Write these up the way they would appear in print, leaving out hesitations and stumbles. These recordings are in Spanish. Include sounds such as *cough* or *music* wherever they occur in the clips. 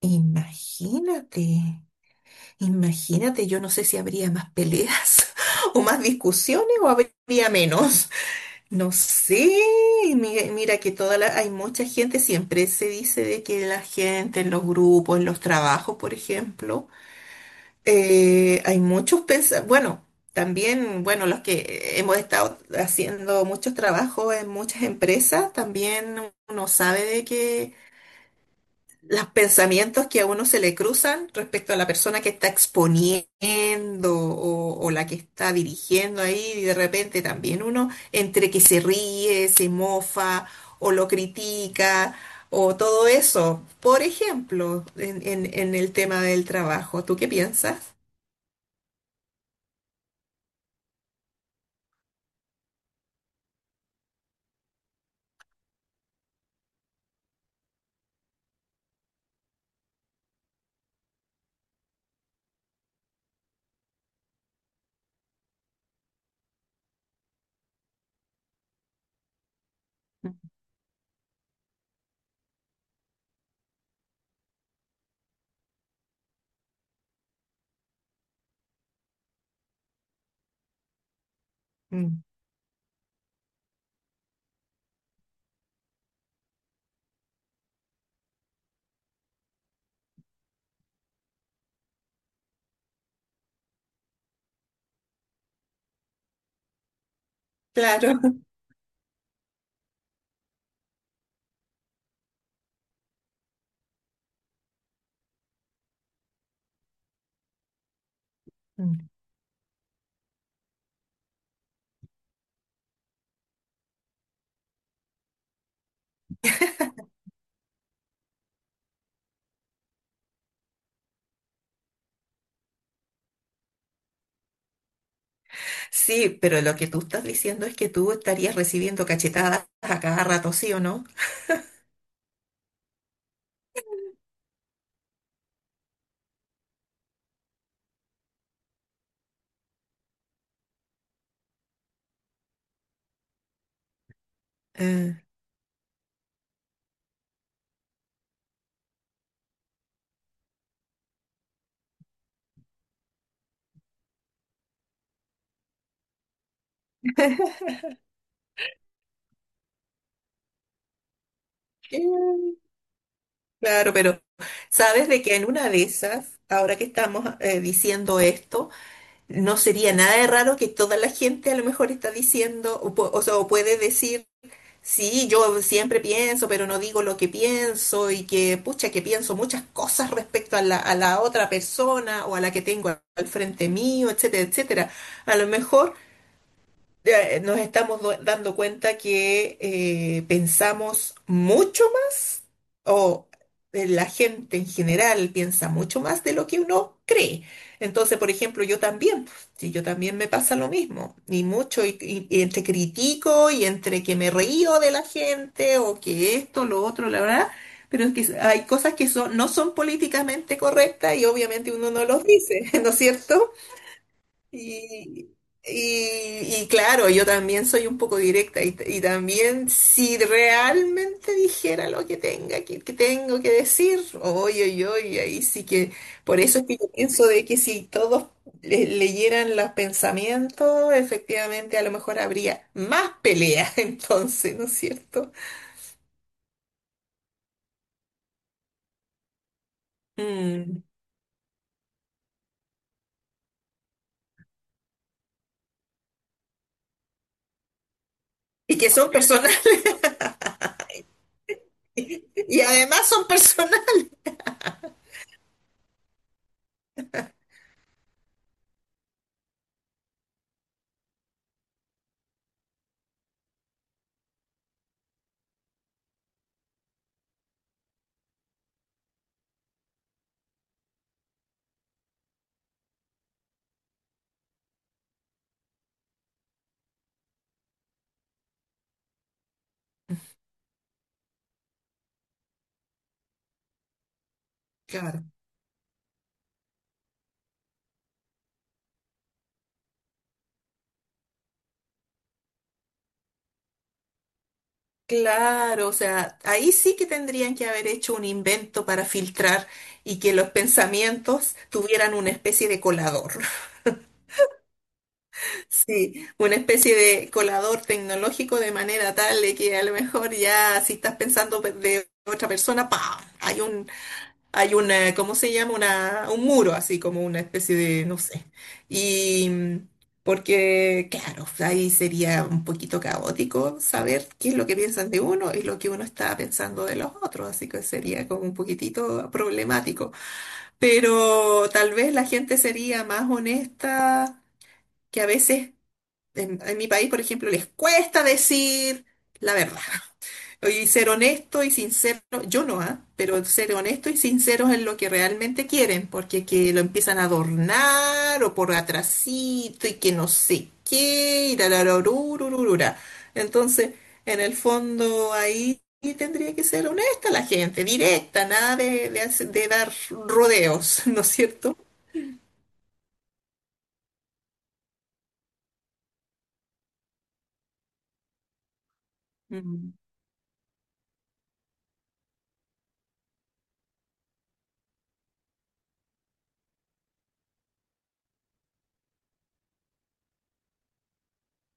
Imagínate, imagínate, yo no sé si habría más peleas *laughs* o más discusiones o habría menos. No sé, mira, que hay mucha gente, siempre se dice de que la gente en los grupos, en los trabajos, por ejemplo, hay muchos pensamientos. Bueno, también, bueno, los que hemos estado haciendo muchos trabajos en muchas empresas, también uno sabe de que los pensamientos que a uno se le cruzan respecto a la persona que está exponiendo o la que está dirigiendo ahí, y de repente también uno entre que se ríe, se mofa o lo critica o todo eso. Por ejemplo, en el tema del trabajo, ¿tú qué piensas? Mm, Claro. mm. Sí, pero lo que tú estás diciendo es que tú estarías recibiendo cachetadas a cada rato, ¿sí o no? Eh. Claro, pero sabes de que en una de esas, ahora que estamos diciendo esto, no sería nada de raro que toda la gente a lo mejor está diciendo, o, o sea, o puede decir, sí, yo siempre pienso, pero no digo lo que pienso y que, pucha, que pienso muchas cosas respecto a a la otra persona o a la que tengo al frente mío, etcétera, etcétera. A lo mejor ya, nos estamos dando cuenta que pensamos mucho más, o la gente en general piensa mucho más de lo que uno cree. Entonces, por ejemplo, yo también, si yo también me pasa lo mismo, y mucho, y entre critico y entre que me río de la gente, o que esto, lo otro, la verdad. Pero es que hay cosas que son, no son políticamente correctas y obviamente uno no los dice, *laughs* ¿no es cierto? Y, y claro, yo también soy un poco directa y también si realmente dijera lo que que tengo que decir, oye, oye, oye, ahí sí que, por eso es que yo pienso de que si todos leyeran los pensamientos, efectivamente a lo mejor habría más peleas. *laughs* Entonces, ¿no es cierto? Mm. Y que son personales, *laughs* y además son personales. Claro. Claro, o sea, ahí sí que tendrían que haber hecho un invento para filtrar y que los pensamientos tuvieran una especie de colador. *laughs* Sí, una especie de colador tecnológico de manera tal de que a lo mejor ya si estás pensando de otra persona, ¡pam! Hay un, hay una, ¿cómo se llama? Un muro, así como una especie de, no sé. Y mm, porque, claro, ahí sería un poquito caótico saber qué es lo que piensan de uno y lo que uno está pensando de los otros, así que sería como un poquitito problemático. Pero tal vez la gente sería más honesta, que a veces en mi país, por ejemplo, les cuesta decir la verdad. Oye, y ser honesto y sincero, yo no, ¿ah? Pero ser honesto y sinceros en lo que realmente quieren, porque que lo empiezan a adornar o por atrasito y que no sé qué, y tararorurururura. Entonces, en el fondo ahí tendría que ser honesta la gente, directa, nada de de dar rodeos, *laughs* ¿no es cierto? Mm,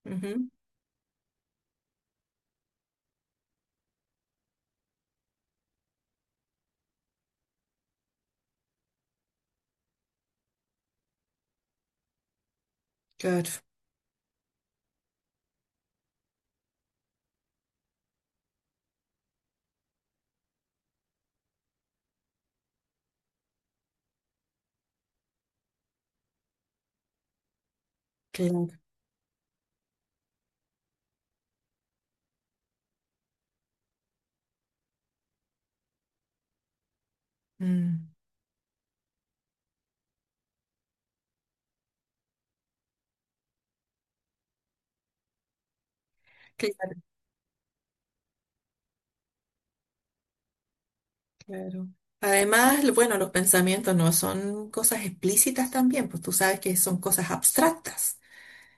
ujú, Claro, claro. mm, claro, claro. Además, bueno, los pensamientos no son cosas explícitas también, pues tú sabes que son cosas abstractas.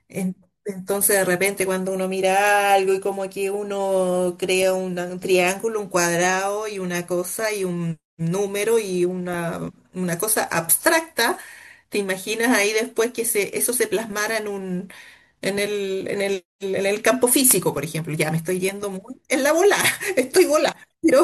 En- Entonces, de repente, cuando uno mira algo y como que uno crea un triángulo, un cuadrado y una cosa y un número y una cosa abstracta, te imaginas ahí después que se, eso se plasmara en un, en el campo físico, por ejemplo. Ya me estoy yendo muy en la bola, *laughs* estoy bola. Pero,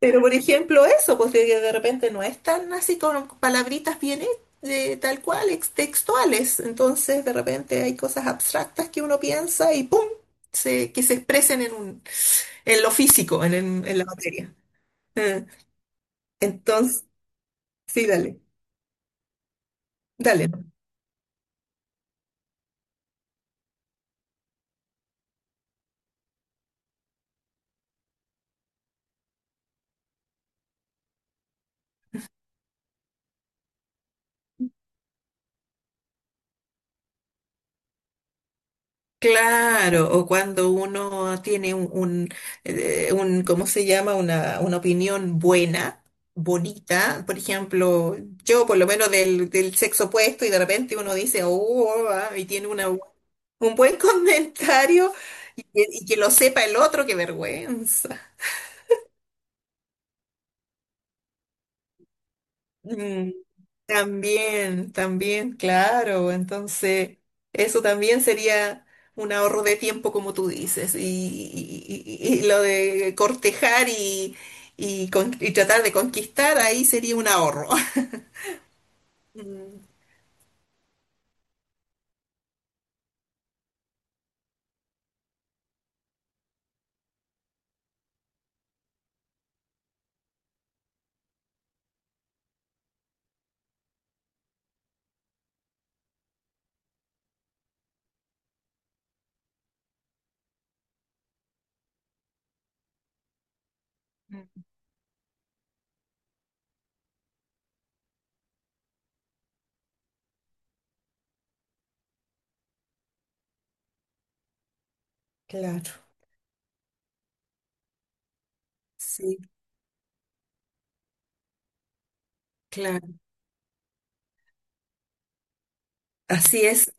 pero por ejemplo, eso, pues de repente no es tan así con palabritas bien de tal cual, textuales. Entonces, de repente hay cosas abstractas que uno piensa y ¡pum! Se, que se expresen en un, en lo físico, en la materia. Eh, Entonces, sí, dale, dale. Claro, o cuando uno tiene ¿cómo se llama? Una opinión buena, bonita. Por ejemplo, yo por lo menos del sexo opuesto y de repente uno dice, oh, ah", y tiene una, un buen *laughs* comentario. Y que lo sepa el otro, qué vergüenza. Mm, también, también, claro. Entonces, eso también sería un ahorro de tiempo, como tú dices. Y lo de cortejar y tratar de conquistar, ahí sería un ahorro. Mm. Claro, sí, claro. Así es.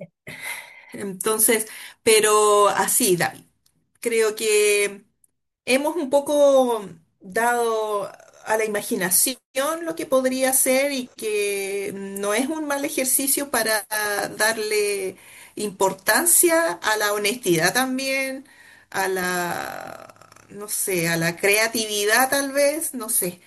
Entonces, pero así, David. Creo que hemos un poco dado a la imaginación lo que podría ser y que no es un mal ejercicio para darle importancia a la honestidad también, a la, no sé, a la creatividad tal vez, no sé.